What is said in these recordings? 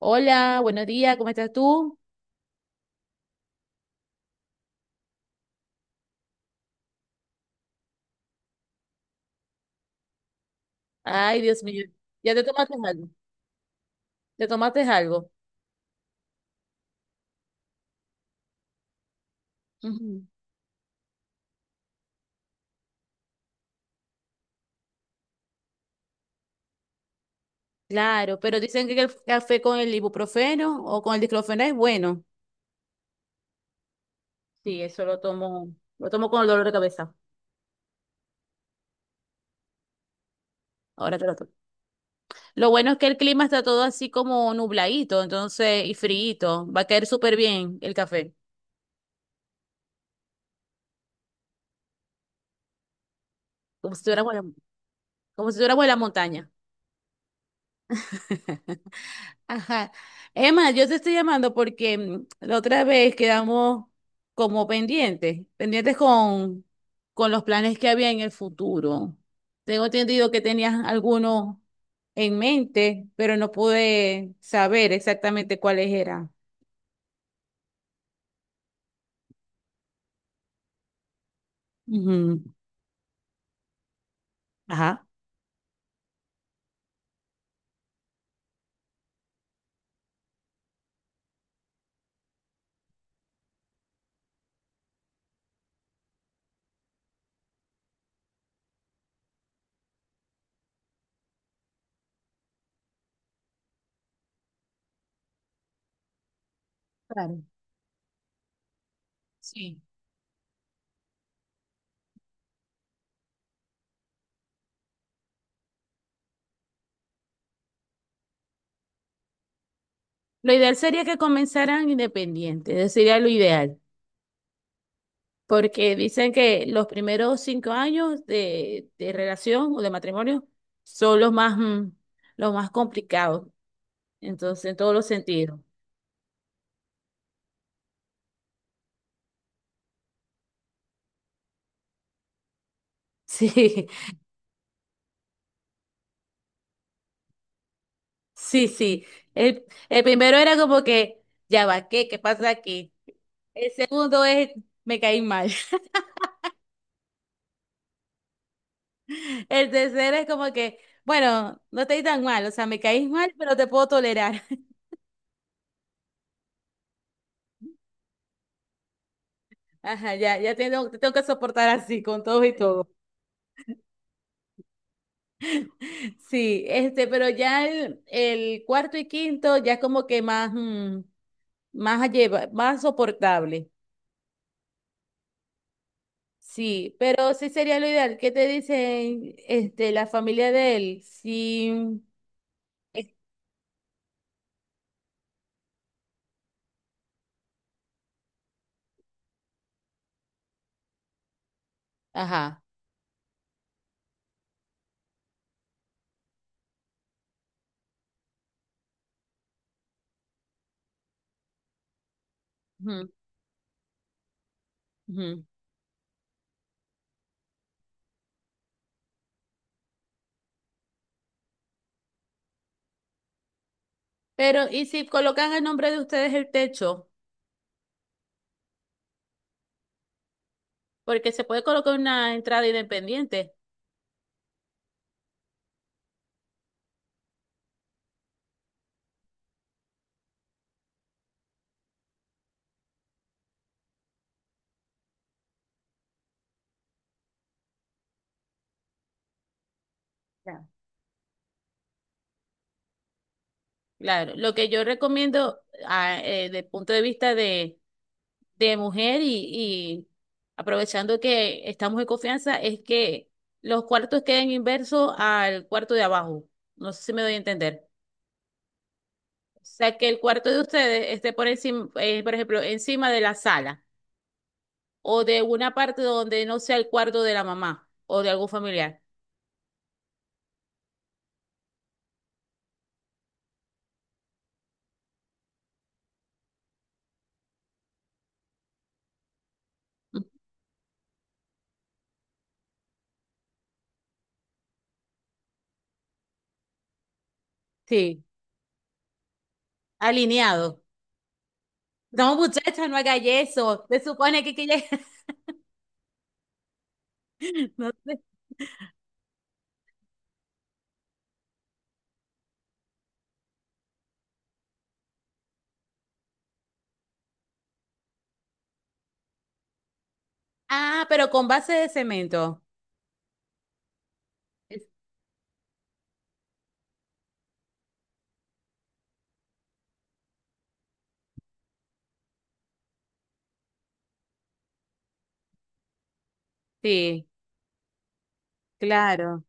Hola, buenos días, ¿cómo estás tú? Ay, Dios mío, ya te tomaste algo. Ujú. Claro, pero dicen que el café con el ibuprofeno o con el diclofenac es bueno. Sí, eso lo tomo con el dolor de cabeza. Ahora te lo tomo. Lo bueno es que el clima está todo así como nubladito, entonces, y friito. Va a caer súper bien el café, como si estuviéramos en la- como si estuviéramos en la montaña. Ajá. Emma, yo te estoy llamando porque la otra vez quedamos como pendientes con los planes que había en el futuro. Tengo entendido que tenías algunos en mente, pero no pude saber exactamente cuáles eran. Ujú. Ajá. Claro, sí. Lo ideal sería que comenzaran independientes, ese sería lo ideal. Porque dicen que los primeros 5 años de relación o de matrimonio son los más complicados, entonces, en todos los sentidos. Sí, sí, sí. El primero era como que, ya va, ¿qué? ¿Qué pasa aquí? El segundo es, me caí mal. El tercero es como que, bueno, no te di tan mal, o sea, me caís mal, pero te puedo tolerar. Ajá, ya, te tengo que soportar así, con todo y todo. Sí, este, pero ya el cuarto y quinto ya es como que más, más soportable. Sí, pero sí sería lo ideal. ¿Qué te dicen, este, la familia de él? Sí, es- ajá. Ujú, ujú. Pero, ¿y si colocan el nombre de ustedes el techo? Porque se puede colocar una entrada independiente. Ya. Claro, lo que yo recomiendo desde el punto de vista de mujer y aprovechando que estamos en confianza, es que los cuartos queden inversos al cuarto de abajo. No sé si me doy a entender. O sea, que el cuarto de ustedes esté por encima, por ejemplo, encima de la sala o de una parte donde no sea el cuarto de la mamá o de algún familiar. Sí, alineado. No, muchachas, no haga eso. Se supone que ya- No sé. Ah, pero con base de cemento. Es- Sí, claro.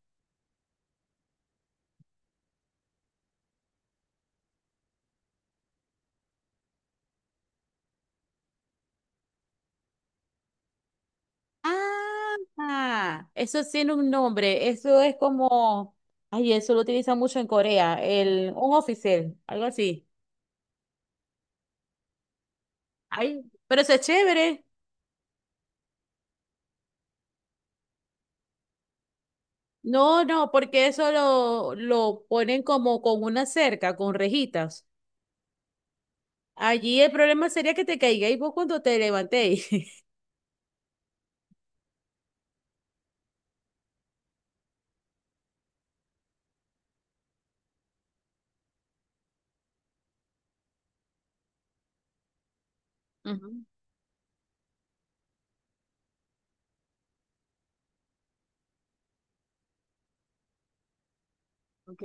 Ah, eso tiene un nombre. Eso es como, ay, eso lo utilizan mucho en Corea, el un oficial, algo así. Ay, pero eso es chévere. No, no, porque eso lo ponen como con una cerca, con rejitas. Allí el problema sería que te caigáis vos cuando te levantéis. Ujú, ok,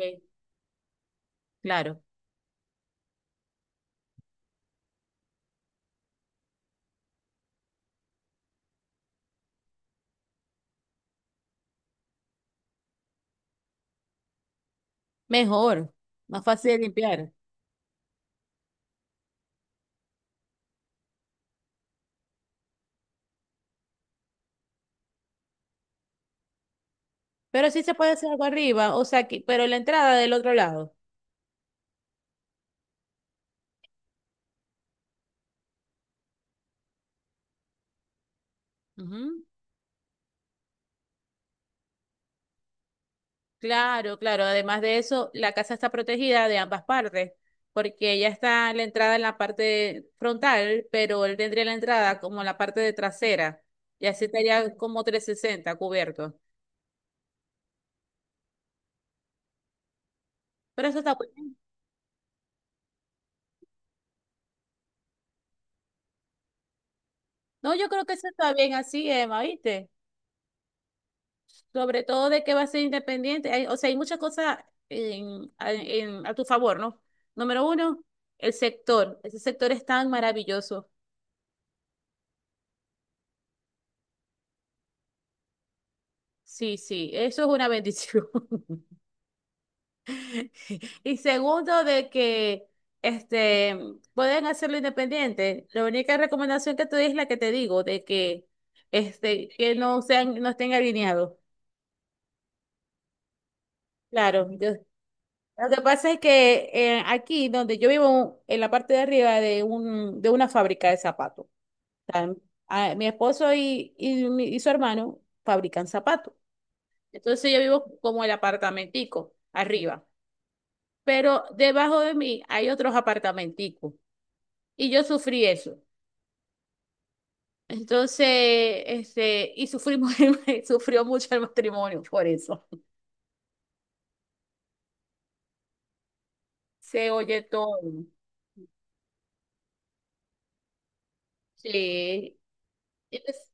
claro. Mejor, más fácil de limpiar. Pero sí se puede hacer algo arriba, o sea, que- pero la entrada del otro lado. Claro, claro. Además de eso, la casa está protegida de ambas partes, porque ella está la entrada en la parte frontal, pero él tendría la entrada como la parte de trasera, y así estaría como 360 cubierto. Pero eso está muy bien. No, yo creo que eso está bien así, Emma, ¿viste? Sobre todo de que va a ser independiente. O sea, hay muchas cosas a tu favor, ¿no? Número uno, el sector. Ese sector es tan maravilloso. Sí, sí, eso es una bendición. Y segundo, de que este, pueden hacerlo independiente. La única recomendación que te doy es la que te digo, de que, este, que no sean, no estén alineados. Claro, lo que pasa es que aquí donde yo vivo, en la parte de arriba de una fábrica de zapatos, tan- mi esposo y su hermano fabrican zapatos. Entonces yo vivo como el apartamentico, arriba. Pero debajo de mí hay otros apartamenticos. Y yo sufrí eso. Entonces, este, y sufrimos, sufrió mucho el matrimonio por eso. Se oye todo. Sí. Entonces,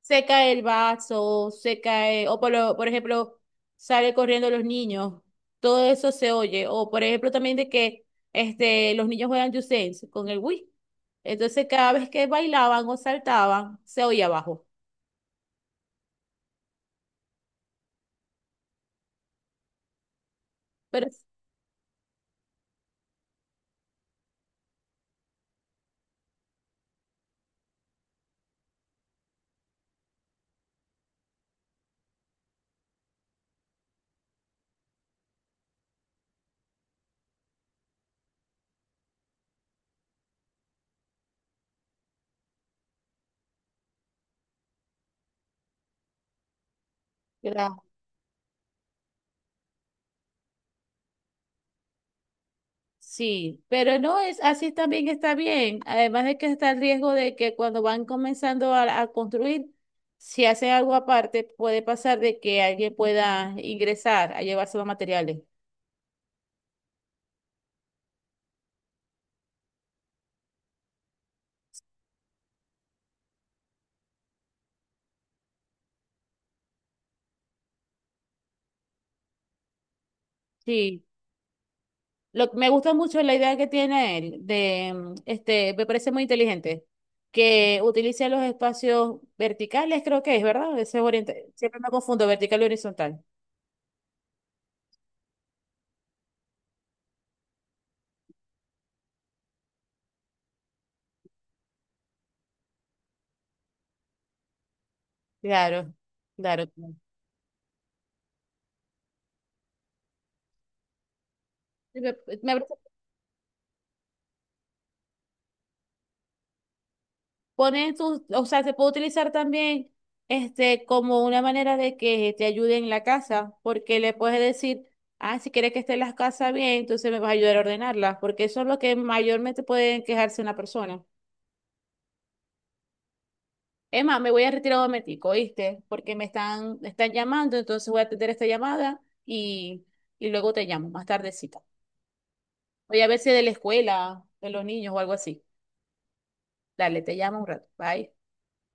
se cae el vaso, se cae, o por, por ejemplo, sale corriendo los niños. Todo eso se oye. O por ejemplo, también de que este, los niños juegan Just Dance con el Wii. Entonces, cada vez que bailaban o saltaban, se oía abajo. Pero, sí, pero no es así también está bien. Además de que está el riesgo de que cuando van comenzando a construir, si hacen algo aparte, puede pasar de que alguien pueda ingresar a llevarse los materiales. Sí, me gusta mucho la idea que tiene él de, este, me parece muy inteligente que utilice los espacios verticales, creo que es, ¿verdad? Ese es orienta- Siempre me confundo vertical y horizontal. Claro, claro. Sí, Me pones tus, o sea, se puede utilizar también este como una manera de que te ayude en la casa, porque le puedes decir, ah, si quieres que esté las casas bien, entonces me vas a ayudar a ordenarlas, porque eso es lo que mayormente puede quejarse una persona. Emma, me voy a retirar un momentico, ¿oíste? Porque me están llamando, entonces voy a atender esta llamada y, y luego te llamo, más tardecita. Voy a ver si es de la escuela, de los niños o algo así. Dale, te llamo un rato. Bye.